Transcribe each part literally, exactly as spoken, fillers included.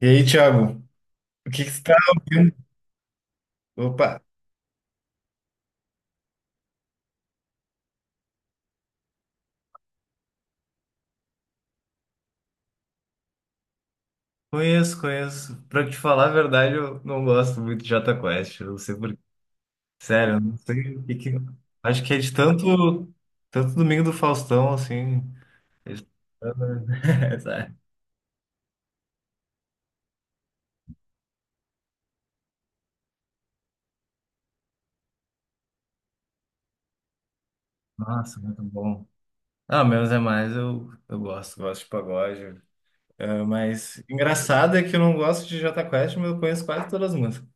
E aí, Thiago, o que que você tá ouvindo? Opa, conheço, conheço. Pra te falar a verdade, eu não gosto muito de Jota Quest. Eu não sei por quê. Sério, eu não sei o que que... Acho que é de tanto, tanto Domingo do Faustão, assim. eles- Sabe? Nossa, muito bom. Ah, menos é mais, eu, eu gosto, gosto de pagode. Ah, mas engraçado é que eu não gosto de Jota Quest, mas eu conheço quase todas as músicas.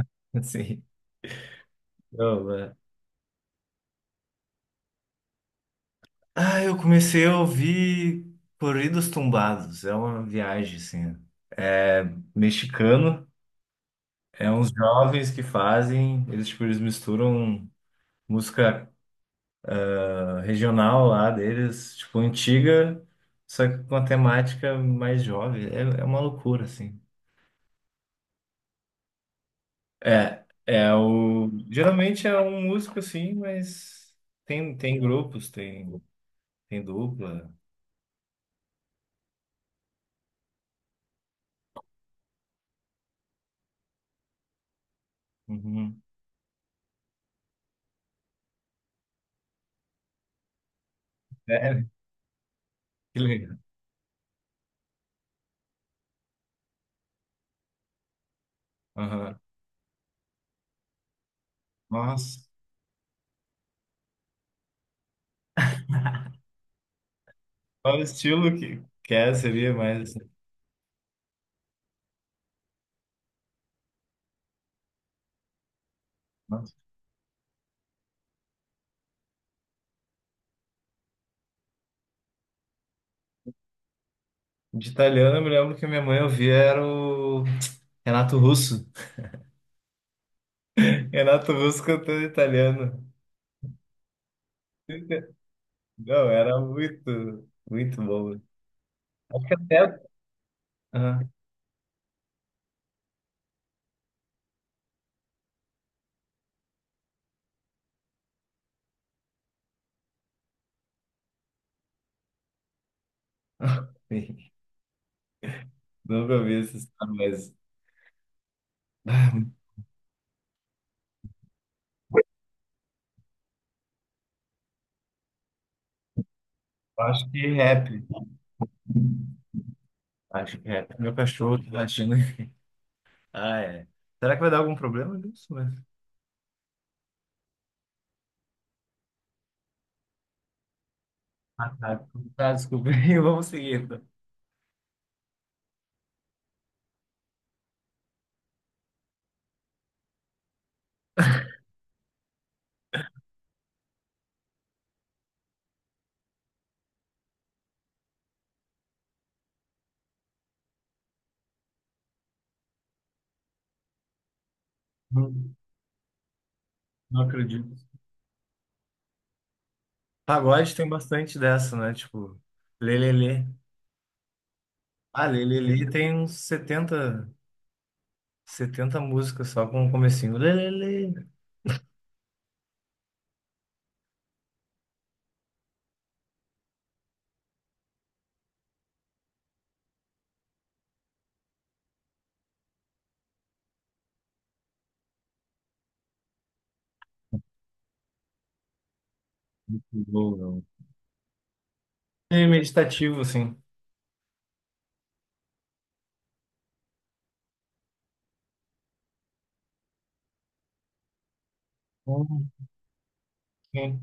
Assim. Ah, eu comecei a ouvir Corridos Tumbados. É uma viagem, assim. É mexicano. É uns jovens que fazem. Eles, tipo, eles misturam música, ah, regional lá deles, tipo, antiga, só que com a temática mais jovem. É, é uma loucura, assim. É, é o... Geralmente é um músico, assim, mas tem, tem grupos, tem, tem dupla. Uhum. É, que legal. Aham. Nossa. Qual o estilo que quer seria mais assim? Nossa. De italiano, eu me lembro que minha mãe ouvia era o Renato Russo. Renato Russo cantando italiano. Não, era muito, muito bom. Acho que até. Ah, nunca ouvi essa história, mas ah, eu acho que rap. Acho que rap. Meu cachorro tá latindo. Ah, é. Será que vai dar algum problema nisso? Mas... Ah, tá. Tá, desculpa. Vamos seguir, então. Não, não acredito. Pagode tem bastante dessa, né? Tipo, lelele. Ah, lelele tem uns setenta, setenta músicas só com o comecinho. Lelele. Boa. É meditativo, assim. Hum, Sim,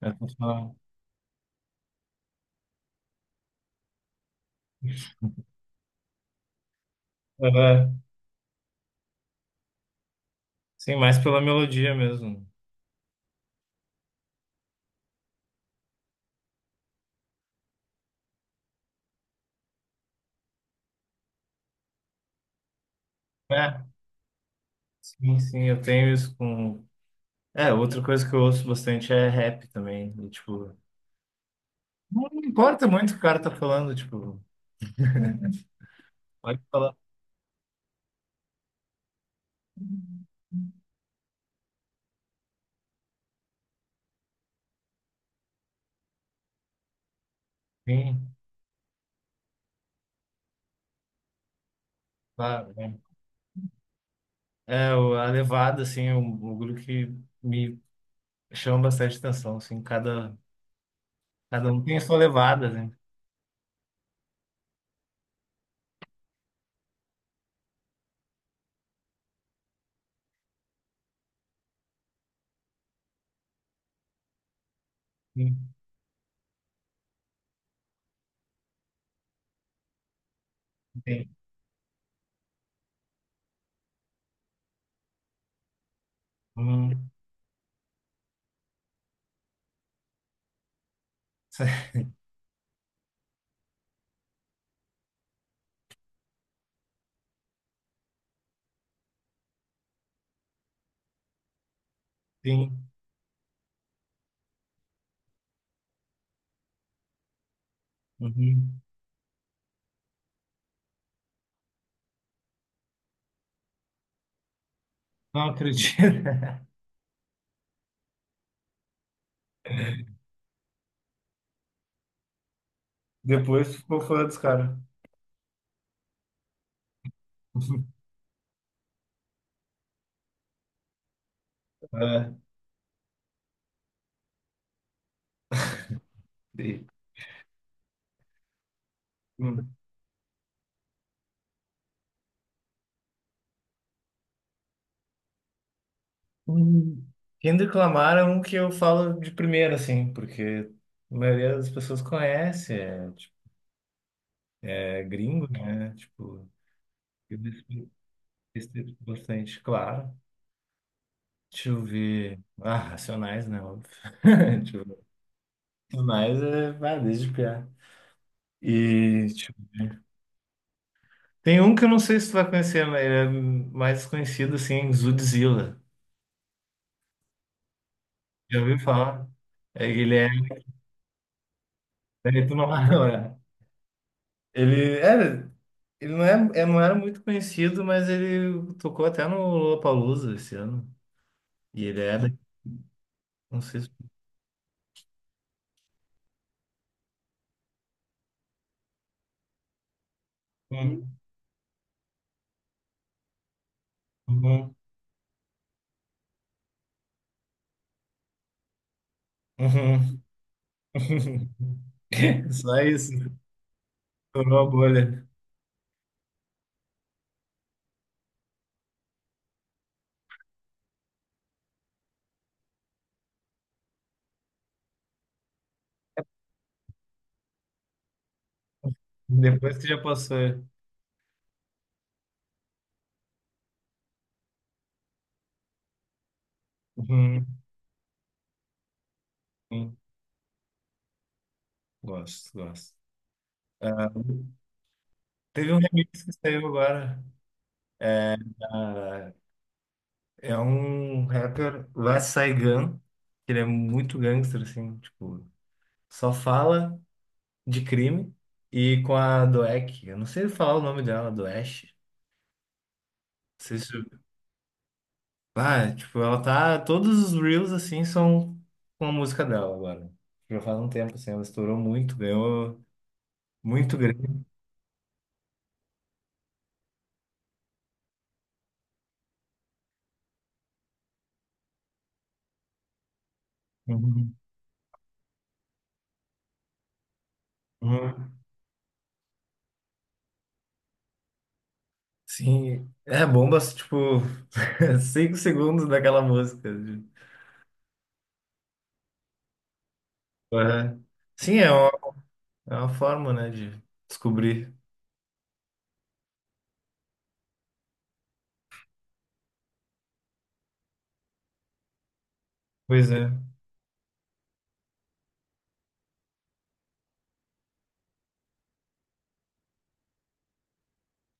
é funcional. É, sim, mais pela melodia mesmo. É, sim, sim, eu tenho isso com. É, outra coisa que eu ouço bastante é rap também. E, tipo, não importa muito o que o cara tá falando, tipo, pode falar. Sim, claro, né? É, o- a levada, assim, é um bagulho que me chama bastante atenção, assim, cada, cada um tem a sua levada, né? Sim, tem. Hum, sim. Uhum. Não acredito. Depois ficou fã dos caras. É. Sim. Hum. Hum. Kendrick Lamar é um que eu falo de primeira, assim, porque a maioria das pessoas conhece, é, tipo, é gringo, né? Tipo, eu respeito, respeito bastante, claro. Deixa eu ver. Ah, Racionais, né? Óbvio. Tipo, Racionais é vai, desde piá. E tipo, tem um que eu não sei se tu vai conhecer, mas ele é mais conhecido assim, Zudzilla. Já ouviu falar? É, ele é. É, tu não vai lembrar. Ele é. Ele não, é, é- não era muito conhecido, mas ele tocou até no Lollapalooza esse ano. E ele era, não sei se... Hum, uhum, uhum. Só isso, estourou a bolha. Depois que já passou. Uhum, uhum. Gosto, gosto. Ah, teve um remix que saiu agora. Ah, é um rapper, Lil Saigon, que ele é muito gangster, assim, tipo, só fala de crime e com a Doek. Eu não sei falar o nome dela, Doesh. Não sei se... Ah, tipo, ela tá. Todos os reels assim são com a música dela agora. Já faz um tempo assim, ela estourou muito, ganhou muito grande. Uhum. Uhum. Sim, é bombas, tipo, cinco segundos daquela música. de- Uhum. Sim, é uma, é uma forma, né, de descobrir. Pois é,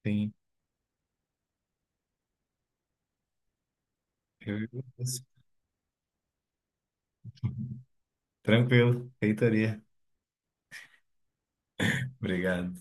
sim. Eu- Tranquilo, feitoria. Obrigado.